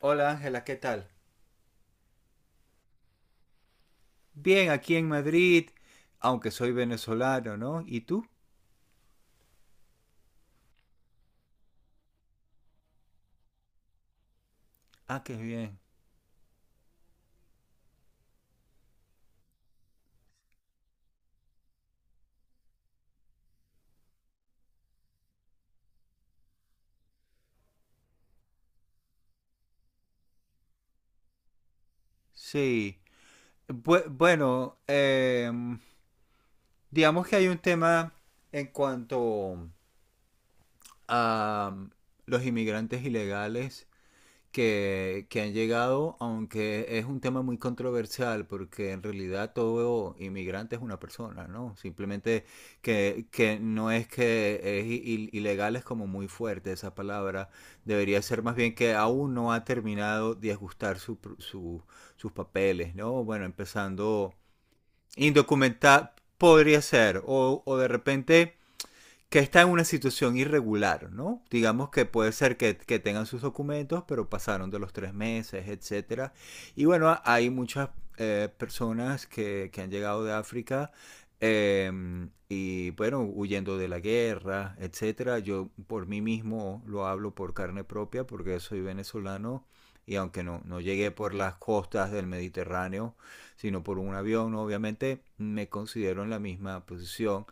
Hola Ángela, ¿qué tal? Bien, aquí en Madrid, aunque soy venezolano, ¿no? ¿Y tú? Ah, qué bien. Sí. Bueno, digamos que hay un tema en cuanto a los inmigrantes ilegales que han llegado, aunque es un tema muy controversial, porque en realidad todo inmigrante es una persona, ¿no? Simplemente que no es que es ilegal, es como muy fuerte esa palabra. Debería ser más bien que aún no ha terminado de ajustar sus papeles, ¿no? Bueno, empezando indocumentado, podría ser, o de repente que está en una situación irregular, ¿no? Digamos que puede ser que tengan sus documentos, pero pasaron de los tres meses, etcétera. Y bueno, hay muchas personas que, han llegado de África, eh, y bueno, huyendo de la guerra, etcétera. Yo por mí mismo lo hablo por carne propia porque soy venezolano y aunque no llegué por las costas del Mediterráneo, sino por un avión, obviamente me considero en la misma posición.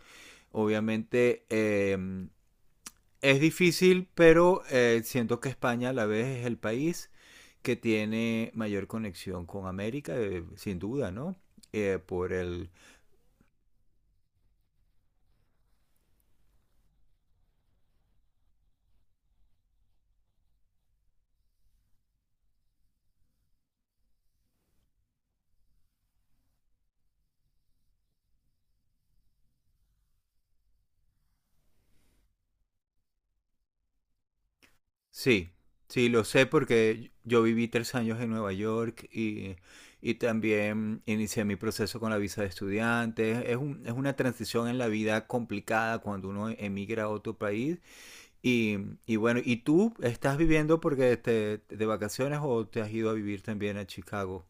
Obviamente es difícil, pero siento que España a la vez es el país que tiene mayor conexión con América, sin duda, ¿no? Por el... Sí, sí, lo sé porque yo viví tres años en Nueva York y también inicié mi proceso con la visa de estudiante. Es es una transición en la vida complicada cuando uno emigra a otro país. Y, y bueno, ¿y tú estás viviendo porque de vacaciones o te has ido a vivir también a Chicago?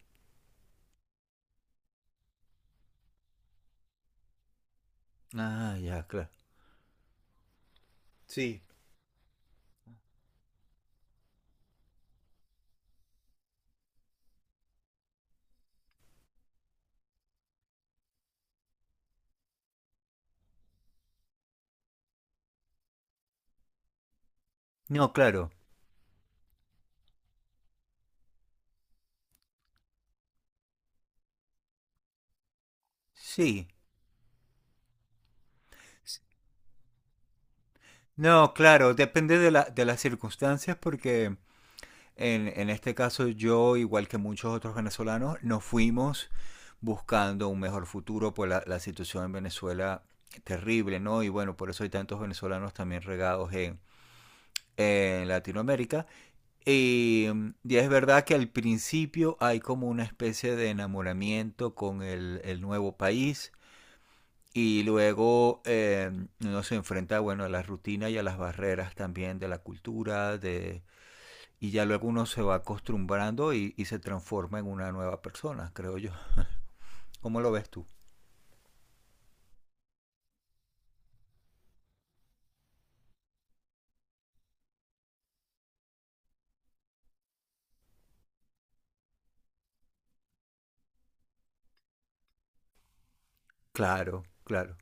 Ah, ya, claro. Sí. No, claro. Sí. S- No, claro, depende de de las circunstancias porque en este caso yo, igual que muchos otros venezolanos, nos fuimos buscando un mejor futuro, por la situación en Venezuela terrible, ¿no? Y bueno, por eso hay tantos venezolanos también regados en Latinoamérica. Y, y es verdad que al principio hay como una especie de enamoramiento con el nuevo país y luego uno se enfrenta, bueno, a las rutinas y a las barreras también de la cultura y ya luego uno se va acostumbrando y se transforma en una nueva persona, creo yo. ¿Cómo lo ves tú? Claro, claro.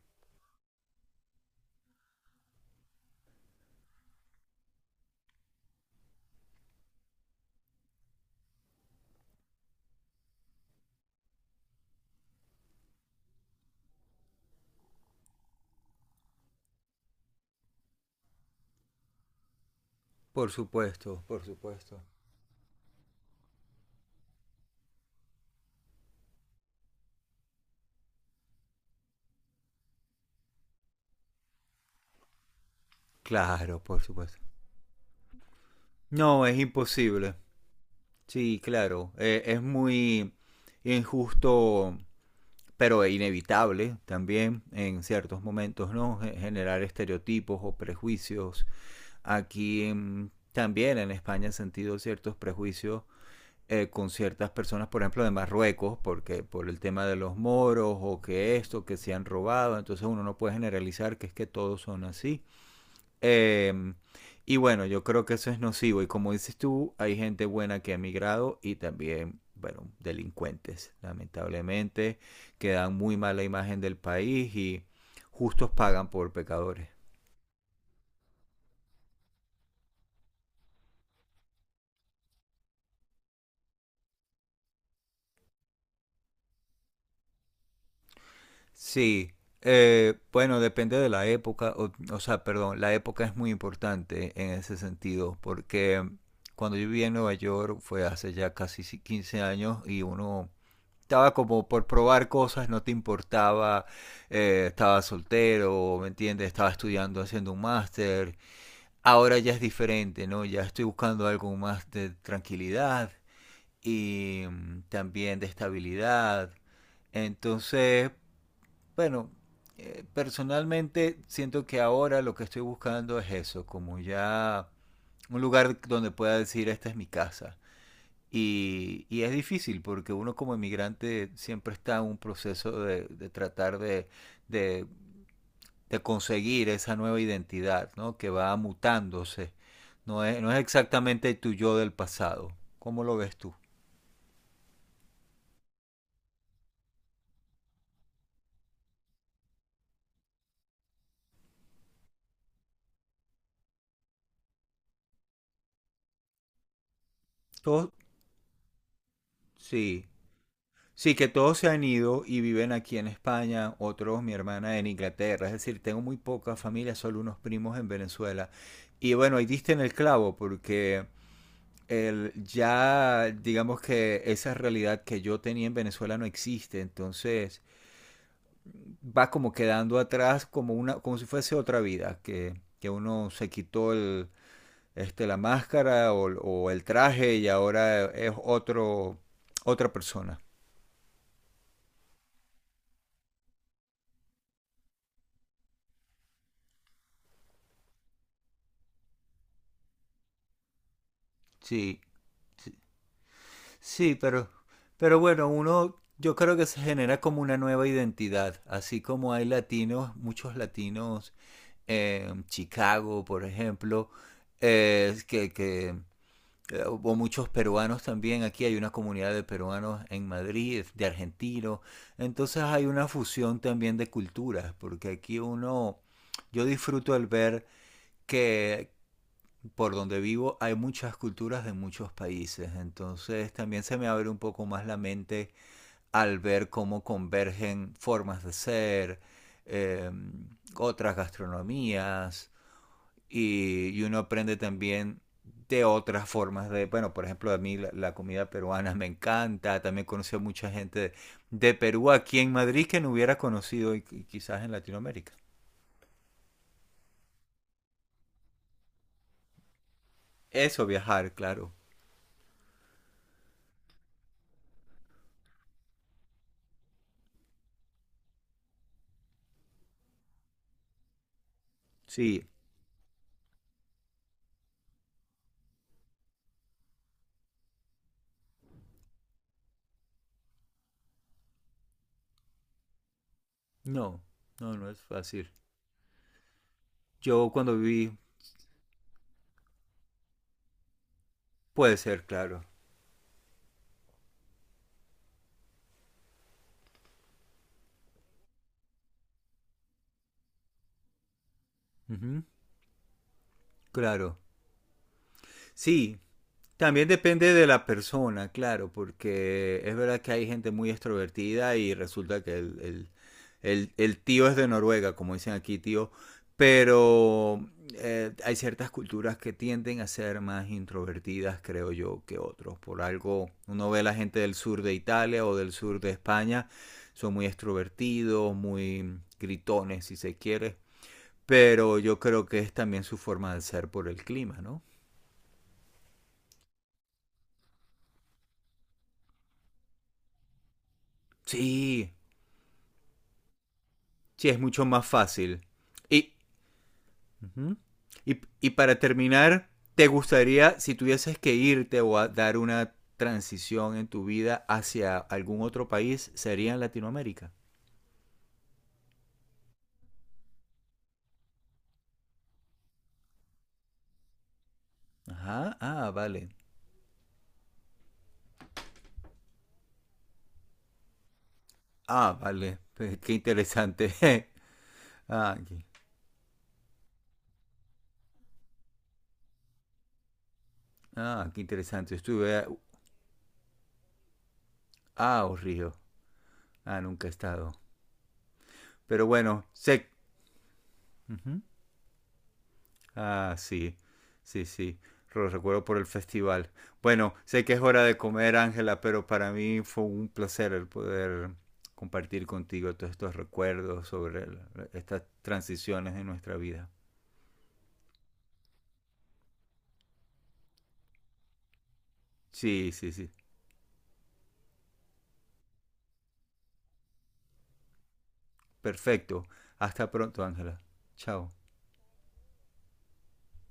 Por supuesto, por supuesto. Claro, por supuesto. No, es imposible. Sí, claro. Es muy injusto, pero es inevitable también en ciertos momentos, ¿no? Generar estereotipos o prejuicios. Aquí en, también en España he sentido ciertos prejuicios, con ciertas personas, por ejemplo, de Marruecos, porque por el tema de los moros o que esto, que se han robado, entonces uno no puede generalizar que es que todos son así. Em, y bueno, yo creo que eso es nocivo. Y como dices tú, hay gente buena que ha migrado y también, bueno, delincuentes, lamentablemente, que dan muy mala imagen del país y justos pagan por pecadores. Sí, bueno, depende de la época, o sea, perdón, la época es muy importante en ese sentido, porque cuando yo vivía en Nueva York fue hace ya casi 15 años y uno estaba como por probar cosas, no te importaba, estaba soltero, ¿me entiendes? Estaba estudiando, haciendo un máster. Ahora ya es diferente, ¿no? Ya estoy buscando algo más de tranquilidad y también de estabilidad. Entonces, bueno, personalmente siento que ahora lo que estoy buscando es eso, como ya un lugar donde pueda decir, esta es mi casa y es difícil porque uno como inmigrante siempre está en un proceso de tratar de, de conseguir esa nueva identidad, ¿no? Que va mutándose. No es exactamente tu yo del pasado. ¿Cómo lo ves tú? Todos, sí, sí, que todos se han ido y viven aquí en España, otros, mi hermana, en Inglaterra. Es decir, tengo muy poca familia, solo unos primos en Venezuela. Y bueno, ahí diste en el clavo, porque ya digamos que esa realidad que yo tenía en Venezuela no existe, entonces va como quedando atrás como como si fuese otra vida, que uno se quitó la máscara o el traje y ahora es otro, otra persona. Sí, sí, sí, pero bueno, uno yo creo que se genera como una nueva identidad, así como hay latinos, muchos latinos, Chicago, por ejemplo, que o muchos peruanos también. Aquí hay una comunidad de peruanos en Madrid, de argentinos. Entonces hay una fusión también de culturas, porque aquí uno, yo disfruto al ver que por donde vivo hay muchas culturas de muchos países. Entonces también se me abre un poco más la mente al ver cómo convergen formas de ser, eh, otras gastronomías y uno aprende también de otras formas de, bueno, por ejemplo, a mí la comida peruana me encanta, también conocí a mucha gente de Perú aquí en Madrid que no hubiera conocido y quizás en Latinoamérica. Eso, viajar, claro. Sí, no, no, no es fácil. Yo cuando viví, puede ser, claro. Ujú. Claro. Sí. También depende de la persona, claro, porque es verdad que hay gente muy extrovertida y resulta que el tío es de Noruega, como dicen aquí, tío, pero hay ciertas culturas que tienden a ser más introvertidas, creo yo, que otros. Por algo, uno ve la gente del sur de Italia o del sur de España, son muy extrovertidos, muy gritones, si se quiere, pero yo creo que es también su forma de ser por el clima, ¿no? Sí, sí, es mucho más fácil. Y, ujú. Y para terminar, ¿te gustaría, si tuvieses que irte o a dar una transición en tu vida hacia algún otro país, sería en Latinoamérica? Ajá, ah, vale. Ah, vale. Pues, qué interesante. Ah, qué, ah, qué interesante. Estuve ah, oh, Río. Ah, nunca he estado. Pero bueno, sé. Ujú. Ah, sí, sí, sí. Lo recuerdo por el festival. Bueno, sé que es hora de comer, Ángela, pero para mí fue un placer el poder compartir contigo todos estos recuerdos sobre estas transiciones de nuestra vida. Sí, sí, sí. Perfecto. Hasta pronto, Ángela. Chao.